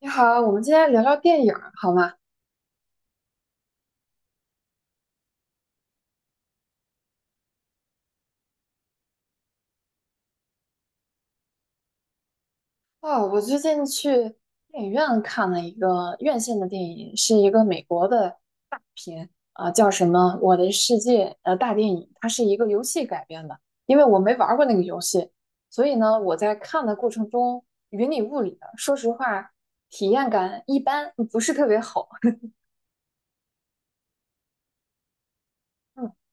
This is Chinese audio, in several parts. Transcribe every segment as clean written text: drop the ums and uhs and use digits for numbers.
你好，我们今天聊聊电影儿好吗？哦，我最近去电影院看了一个院线的电影，是一个美国的大片啊、叫什么《我的世界》大电影，它是一个游戏改编的。因为我没玩儿过那个游戏，所以呢，我在看的过程中云里雾里的，说实话，体验感一般，不是特别好。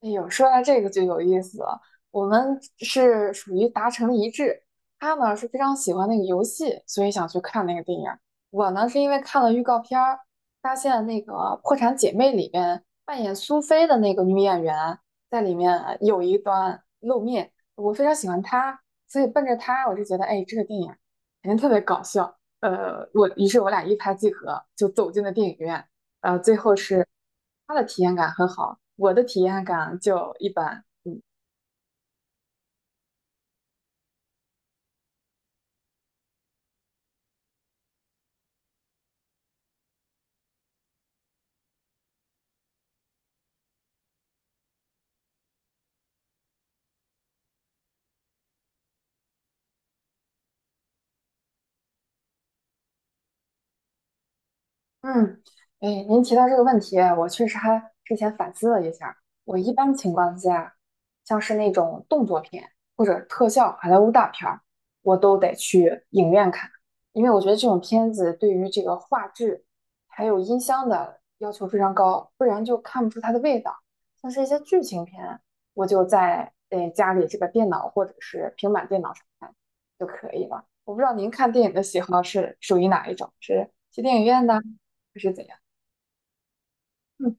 哎呦，说到这个就有意思了。我们是属于达成了一致，他呢是非常喜欢那个游戏，所以想去看那个电影儿。我呢是因为看了预告片儿，发现那个《破产姐妹》里面扮演苏菲的那个女演员在里面有一段露面，我非常喜欢她，所以奔着她我就觉得，哎，这个电影肯定特别搞笑。于是我俩一拍即合，就走进了电影院。呃，最后是他的体验感很好，我的体验感就一般。嗯，哎，您提到这个问题，我确实还之前反思了一下我一般情况下，像是那种动作片或者特效好莱坞大片儿，我都得去影院看，因为我觉得这种片子对于这个画质还有音箱的要求非常高，不然就看不出它的味道。像是一些剧情片，我就在家里这个电脑或者是平板电脑上看就可以了。我不知道您看电影的喜好是属于哪一种，是去电影院的？是怎样？嗯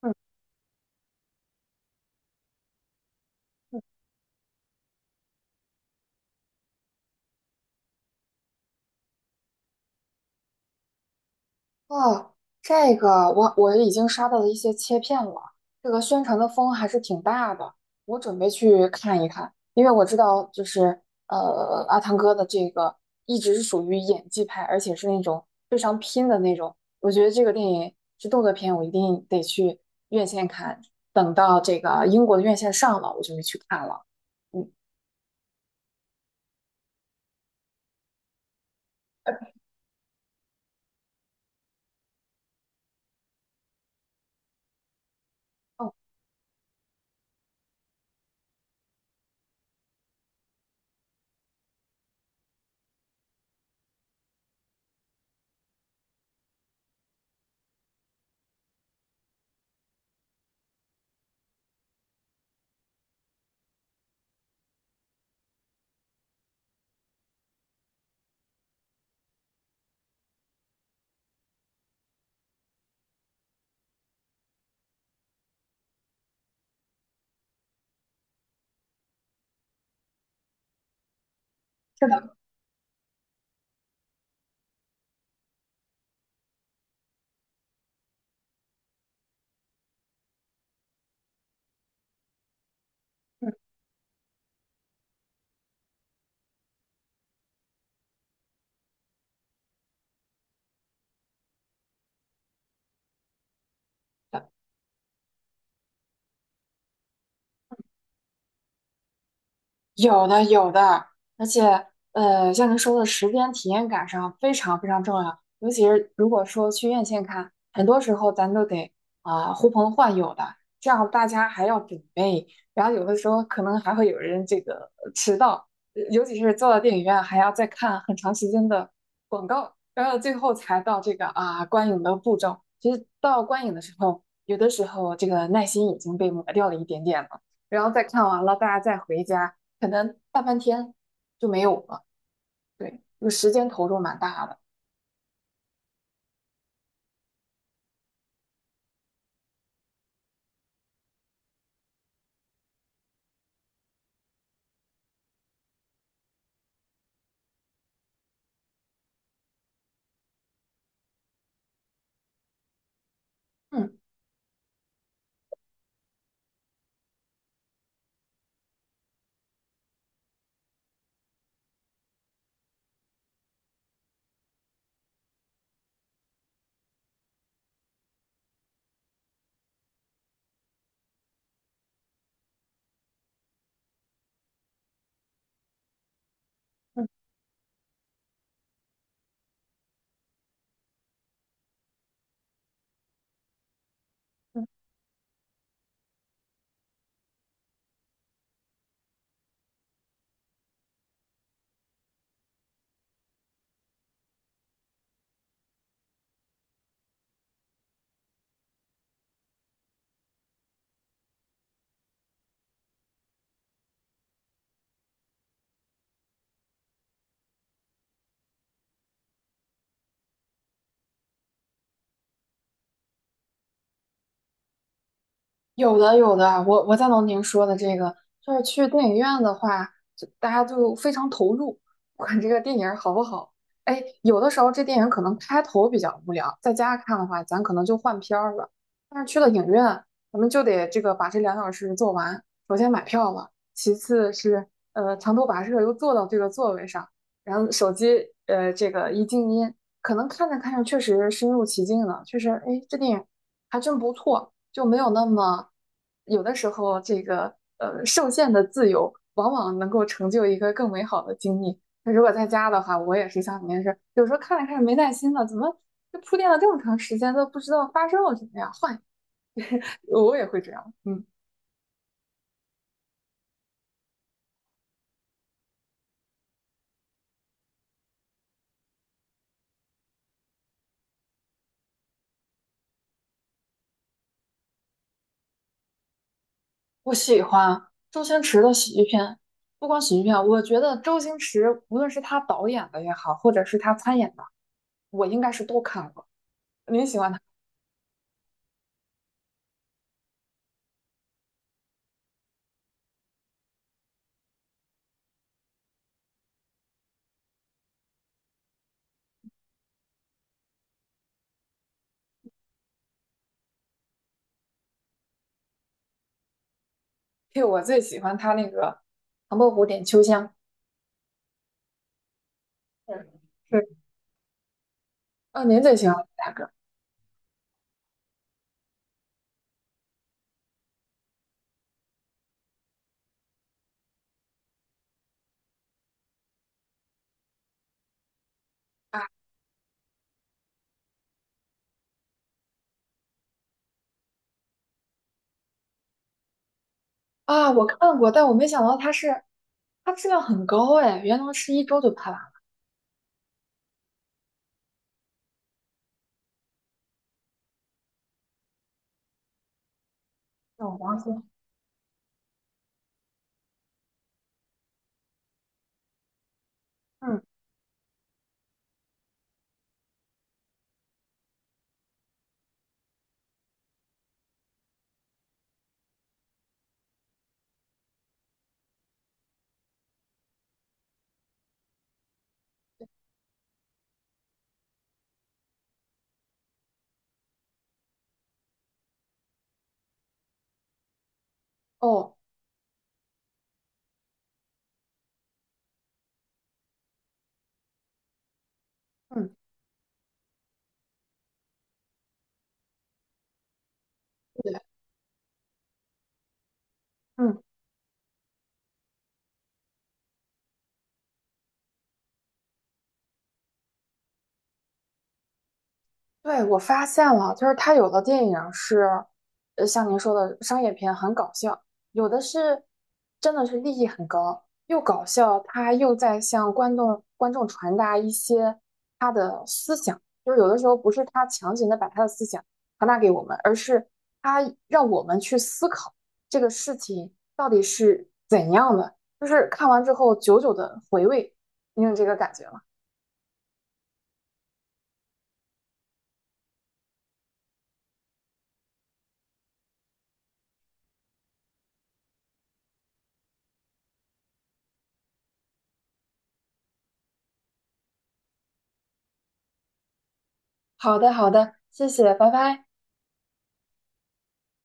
嗯嗯。哦，这个我已经刷到了一些切片了，这个宣传的风还是挺大的，我准备去看一看，因为我知道就是阿汤哥的这个一直是属于演技派，而且是那种非常拼的那种，我觉得这个电影是动作片，我一定得去院线看，等到这个英国的院线上了，我就会去看了。嗯，哦，是的，嗯。有的有的，而且像您说的时间体验感上非常非常重要，尤其是如果说去院线看，很多时候咱都得啊、呼朋唤友的，这样大家还要准备，然后有的时候可能还会有人这个迟到，尤其是坐到电影院还要再看很长时间的广告，然后最后才到这个啊观影的步骤。其实到观影的时候，有的时候这个耐心已经被磨掉了一点点了，然后再看完了，大家再回家。可能大半天就没有了。对，就时间投入蛮大的。嗯嗯嗯。有的有的，我赞同您说的这个，就是去电影院的话，就大家就非常投入，不管这个电影好不好。哎，有的时候这电影可能开头比较无聊，在家看的话，咱可能就换片儿了。但是去了影院，咱们就得这个把这两小时做完。首先买票了，其次是长途跋涉又坐到这个座位上，然后手机这个一静音，可能看着看着确实身入其境了，确实哎这电影还真不错。就没有那么有的时候这个受限的自由，往往能够成就一个更美好的经历。那如果在家的话，我也是像你那是，有时候看着看着没耐心了，怎么就铺垫了这么长时间都不知道发生了什么呀？换，我也会这样。嗯，我喜欢周星驰的喜剧片，不光喜剧片，我觉得周星驰无论是他导演的也好，或者是他参演的，我应该是都看过。您喜欢他？对，我最喜欢他那个《唐伯虎点秋香》。是是。啊，您最喜欢哪个？啊啊，我看过，但我没想到它是它质量很高哎，原来是一周就拍完了。那我忘记了。嗯，哦，嗯，对，嗯。对，我发现了，就是他有的电影是，像您说的商业片很搞笑，有的是真的是利益很高，又搞笑，他又在向观众传达一些他的思想，就是有的时候不是他强行的把他的思想传达给我们，而是他让我们去思考这个事情到底是怎样的，就是看完之后久久的回味，你有这个感觉吗？好的，好的，谢谢，拜拜。